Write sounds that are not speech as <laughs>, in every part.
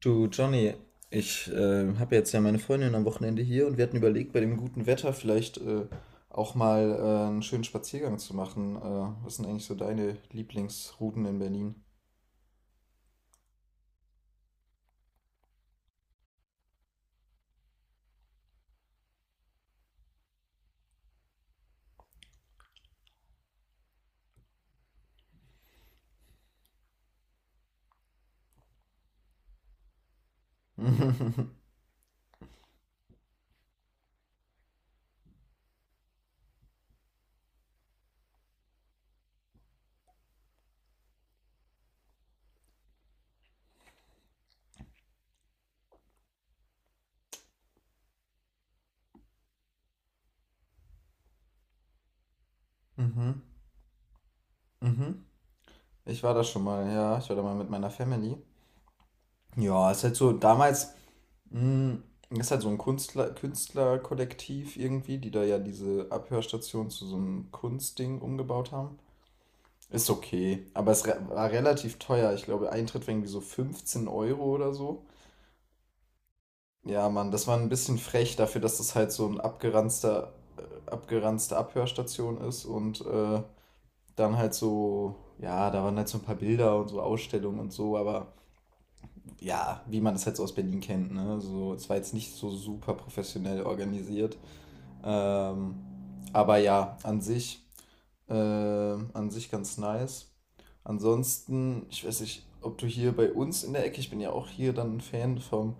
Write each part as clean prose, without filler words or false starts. Du, Johnny, ich habe jetzt ja meine Freundin am Wochenende hier und wir hatten überlegt, bei dem guten Wetter vielleicht auch mal einen schönen Spaziergang zu machen. Was sind eigentlich so deine Lieblingsrouten in Berlin? Mhm, mhm. Ich war da schon mal, ja, ich war da mal mit meiner Family. Ja, ist halt so, damals, mh, ist halt so ein Künstler, Künstlerkollektiv irgendwie, die da ja diese Abhörstation zu so einem Kunstding umgebaut haben. Ist okay, aber war relativ teuer. Ich glaube, Eintritt war irgendwie so 15 € oder so. Ja, Mann, das war ein bisschen frech dafür, dass das halt so ein abgeranzte Abhörstation ist, und dann halt so, ja, da waren halt so ein paar Bilder und so Ausstellungen und so, aber ja, wie man das halt so aus Berlin kennt, ne? So, es war jetzt nicht so super professionell organisiert. Ähm, aber ja, an sich ganz nice. Ansonsten, ich weiß nicht, ob du hier bei uns in der Ecke, ich bin ja auch hier dann ein Fan vom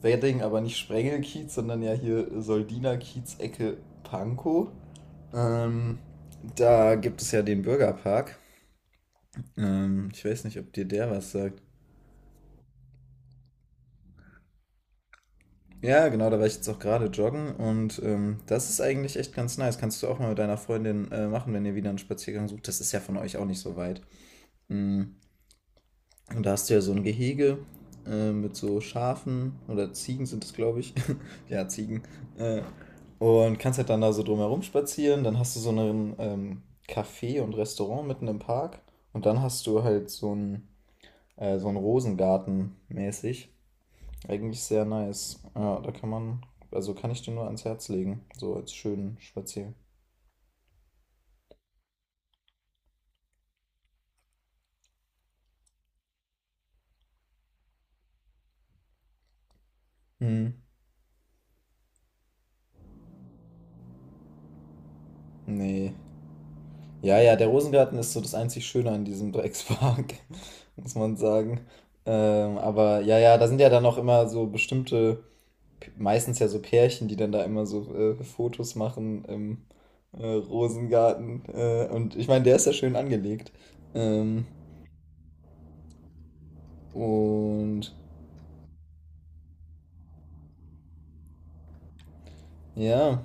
Wedding, aber nicht Sprengelkiez, sondern ja hier Soldina-Kiez-Ecke Pankow. Ähm, da gibt es ja den Bürgerpark. Ich weiß nicht, ob dir der was sagt. Ja, genau, da war ich jetzt auch gerade joggen, und das ist eigentlich echt ganz nice. Kannst du auch mal mit deiner Freundin machen, wenn ihr wieder einen Spaziergang sucht. Das ist ja von euch auch nicht so weit. Mm. Und da hast du ja so ein Gehege mit so Schafen oder Ziegen sind es, glaube ich. <laughs> Ja, Ziegen. Äh, und kannst halt dann da so drumherum spazieren. Dann hast du so einen Café und Restaurant mitten im Park. Und dann hast du halt so einen Rosengarten mäßig. Eigentlich sehr nice. Ja, da kann man, also kann ich dir nur ans Herz legen. So als schönen Spaziergang. Hm. Nee, ja, ja, der Rosengarten ist so das einzig Schöne an diesem Dreckspark, <laughs> muss man sagen. Aber ja, ja, da sind ja dann auch immer so bestimmte, meistens ja so Pärchen, die dann da immer so Fotos machen im Rosengarten. Und ich meine, der ist ja schön angelegt. Ähm, und ja,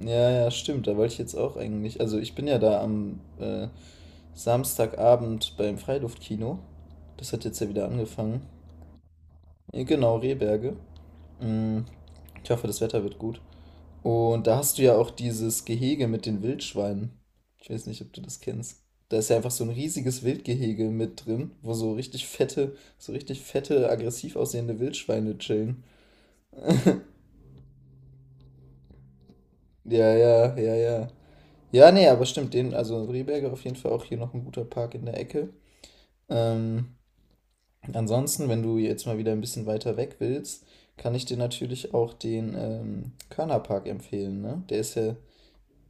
ja, ja, stimmt, da wollte ich jetzt auch eigentlich. Also ich bin ja da am Samstagabend beim Freiluftkino. Das hat jetzt ja wieder angefangen. Genau, Rehberge. Mm, ich hoffe, das Wetter wird gut. Und da hast du ja auch dieses Gehege mit den Wildschweinen. Ich weiß nicht, ob du das kennst. Da ist ja einfach so ein riesiges Wildgehege mit drin, wo so richtig fette, aggressiv aussehende Wildschweine chillen. Ja, ja, ja, ja. Ja, nee, aber stimmt, den, also Rehberger auf jeden Fall auch hier noch ein guter Park in der Ecke. Ähm, ansonsten, wenn du jetzt mal wieder ein bisschen weiter weg willst, kann ich dir natürlich auch den Körnerpark empfehlen, ne? Der ist ja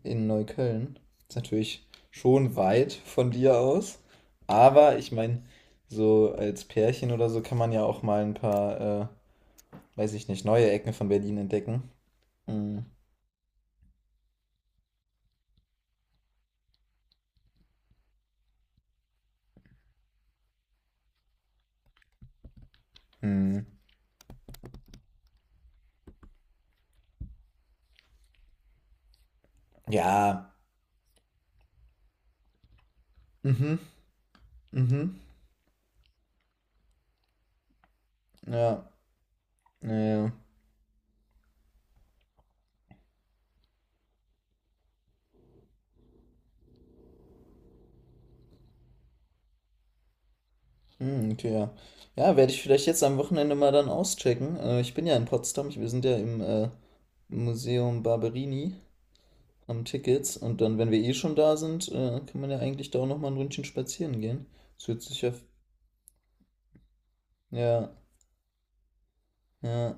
in Neukölln. Ist natürlich schon weit von dir aus. Aber ich meine, so als Pärchen oder so kann man ja auch mal weiß ich nicht, neue Ecken von Berlin entdecken. Mm. Mm. Ja. Mhm. Mhm. Ja. Ja. Ja. Hm, okay, ja. Ja, werde ich vielleicht jetzt am Wochenende mal dann auschecken. Ich bin ja in Potsdam. Ich, wir sind ja im Museum Barberini an Tickets. Und dann, wenn wir eh schon da sind, kann man ja eigentlich da auch nochmal ein Ründchen spazieren gehen. Das hört sich ja. f- Ja, ja.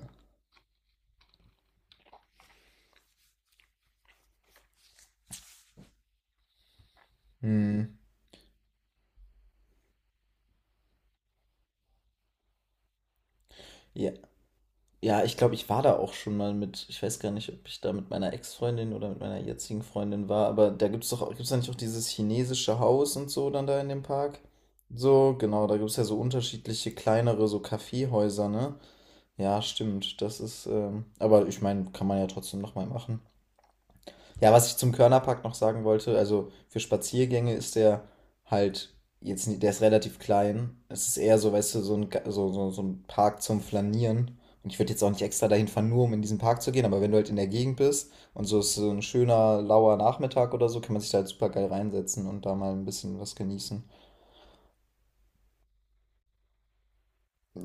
Hm. Ja, ja, ich glaube, ich war da auch schon mal mit. Ich weiß gar nicht, ob ich da mit meiner Ex-Freundin oder mit meiner jetzigen Freundin war, aber da gibt es doch, gibt es da nicht auch dieses chinesische Haus und so dann da in dem Park? So, genau, da gibt es ja so unterschiedliche kleinere, so Kaffeehäuser, ne? Ja, stimmt, das ist, aber ich meine, kann man ja trotzdem nochmal machen. Ja, was ich zum Körnerpark noch sagen wollte, also für Spaziergänge ist der halt jetzt nicht, der ist relativ klein. Es ist eher so, weißt du, so, so, so ein Park zum Flanieren. Und ich würde jetzt auch nicht extra dahin fahren, nur um in diesen Park zu gehen, aber wenn du halt in der Gegend bist und so ist so ein schöner, lauer Nachmittag oder so, kann man sich da halt super geil reinsetzen und da mal ein bisschen was genießen.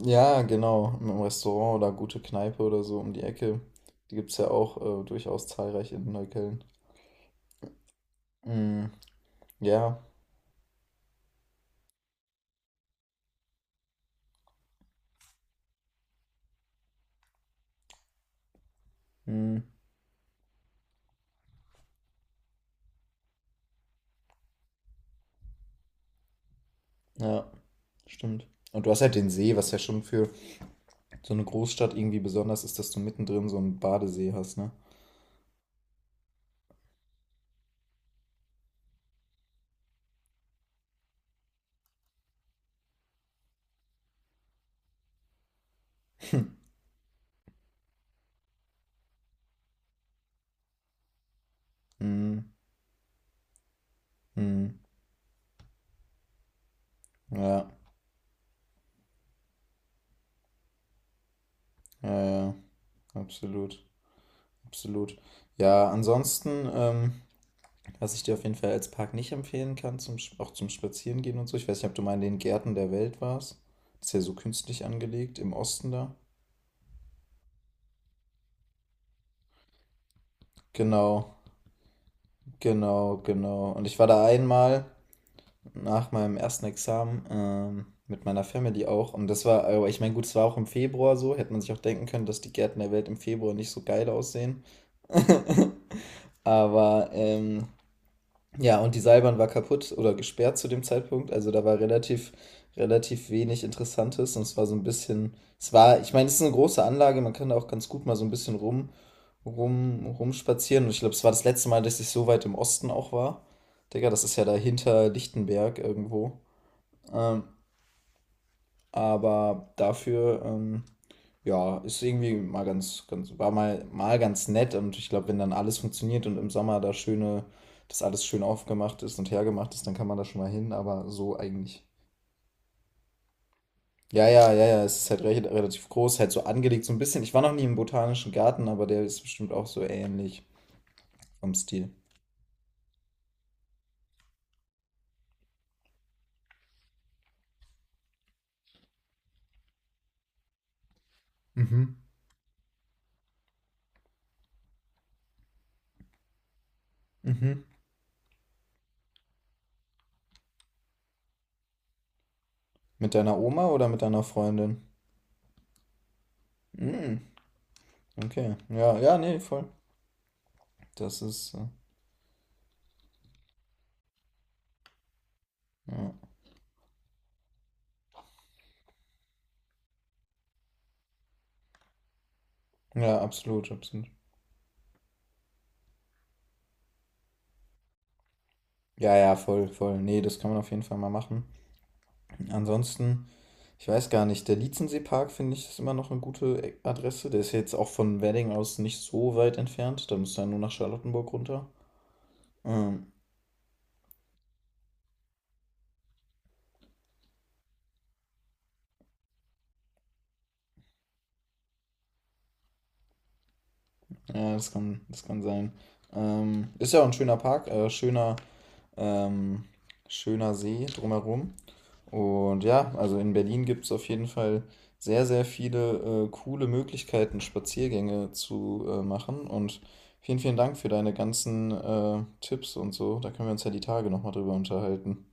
Ja, genau, im Restaurant oder gute Kneipe oder so um die Ecke. Die gibt es ja auch durchaus zahlreich in Neukölln. Mm, ja, mm, ja. Stimmt. Und du hast halt den See, was ja schon für so eine Großstadt irgendwie besonders ist, dass du mittendrin so einen Badesee hast, ne? Mhm. Mhm. Ja, ja, ja, absolut, absolut. Ja, ansonsten, was ich dir auf jeden Fall als Park nicht empfehlen kann, auch zum Spazierengehen und so, ich weiß nicht, ob du mal in den Gärten der Welt warst. Ist ja so künstlich angelegt, im Osten da. Genau, genau, genau. Und ich war da einmal, nach meinem ersten Examen mit meiner Family auch. Und das war, aber ich meine, gut, es war auch im Februar so. Hätte man sich auch denken können, dass die Gärten der Welt im Februar nicht so geil aussehen. <laughs> aber ähm, ja, und die Seilbahn war kaputt oder gesperrt zu dem Zeitpunkt. Also da war relativ, relativ wenig Interessantes. Und es war so ein bisschen, es war, ich meine, es ist eine große Anlage. Man kann da auch ganz gut mal so ein bisschen rumspazieren. Und ich glaube, es war das letzte Mal, dass ich so weit im Osten auch war. Digga, das ist ja da hinter Lichtenberg irgendwo. Ähm, Aber ja, ist irgendwie mal ganz, ganz, war mal, mal ganz nett. Und ich glaube, wenn dann alles funktioniert und im Sommer da schöne, das alles schön aufgemacht ist und hergemacht ist, dann kann man da schon mal hin, aber so eigentlich. Ja, ja, ja, ja, es ist halt recht, relativ groß, halt so angelegt, so ein bisschen. Ich war noch nie im Botanischen Garten, aber der ist bestimmt auch so ähnlich vom Stil. Mhm. Mhm. Mit deiner Oma oder mit deiner Freundin? Mhm. Okay. Ja, ja, nee, voll. Das ist, äh, ja. Ja, absolut, absolut. Ja, ja, voll, voll. Nee, das kann man auf jeden Fall mal machen. Ansonsten, ich weiß gar nicht, der Lietzenseepark finde ich ist immer noch eine gute Adresse. Der ist jetzt auch von Wedding aus nicht so weit entfernt. Da müsst ihr nur nach Charlottenburg runter. Ähm, ja, das kann sein. Ist ja auch ein ähm, schöner See drumherum. Und ja, also in Berlin gibt es auf jeden Fall sehr, sehr viele coole Möglichkeiten, Spaziergänge zu machen. Und vielen, vielen Dank für deine ganzen Tipps und so. Da können wir uns ja die Tage nochmal drüber unterhalten.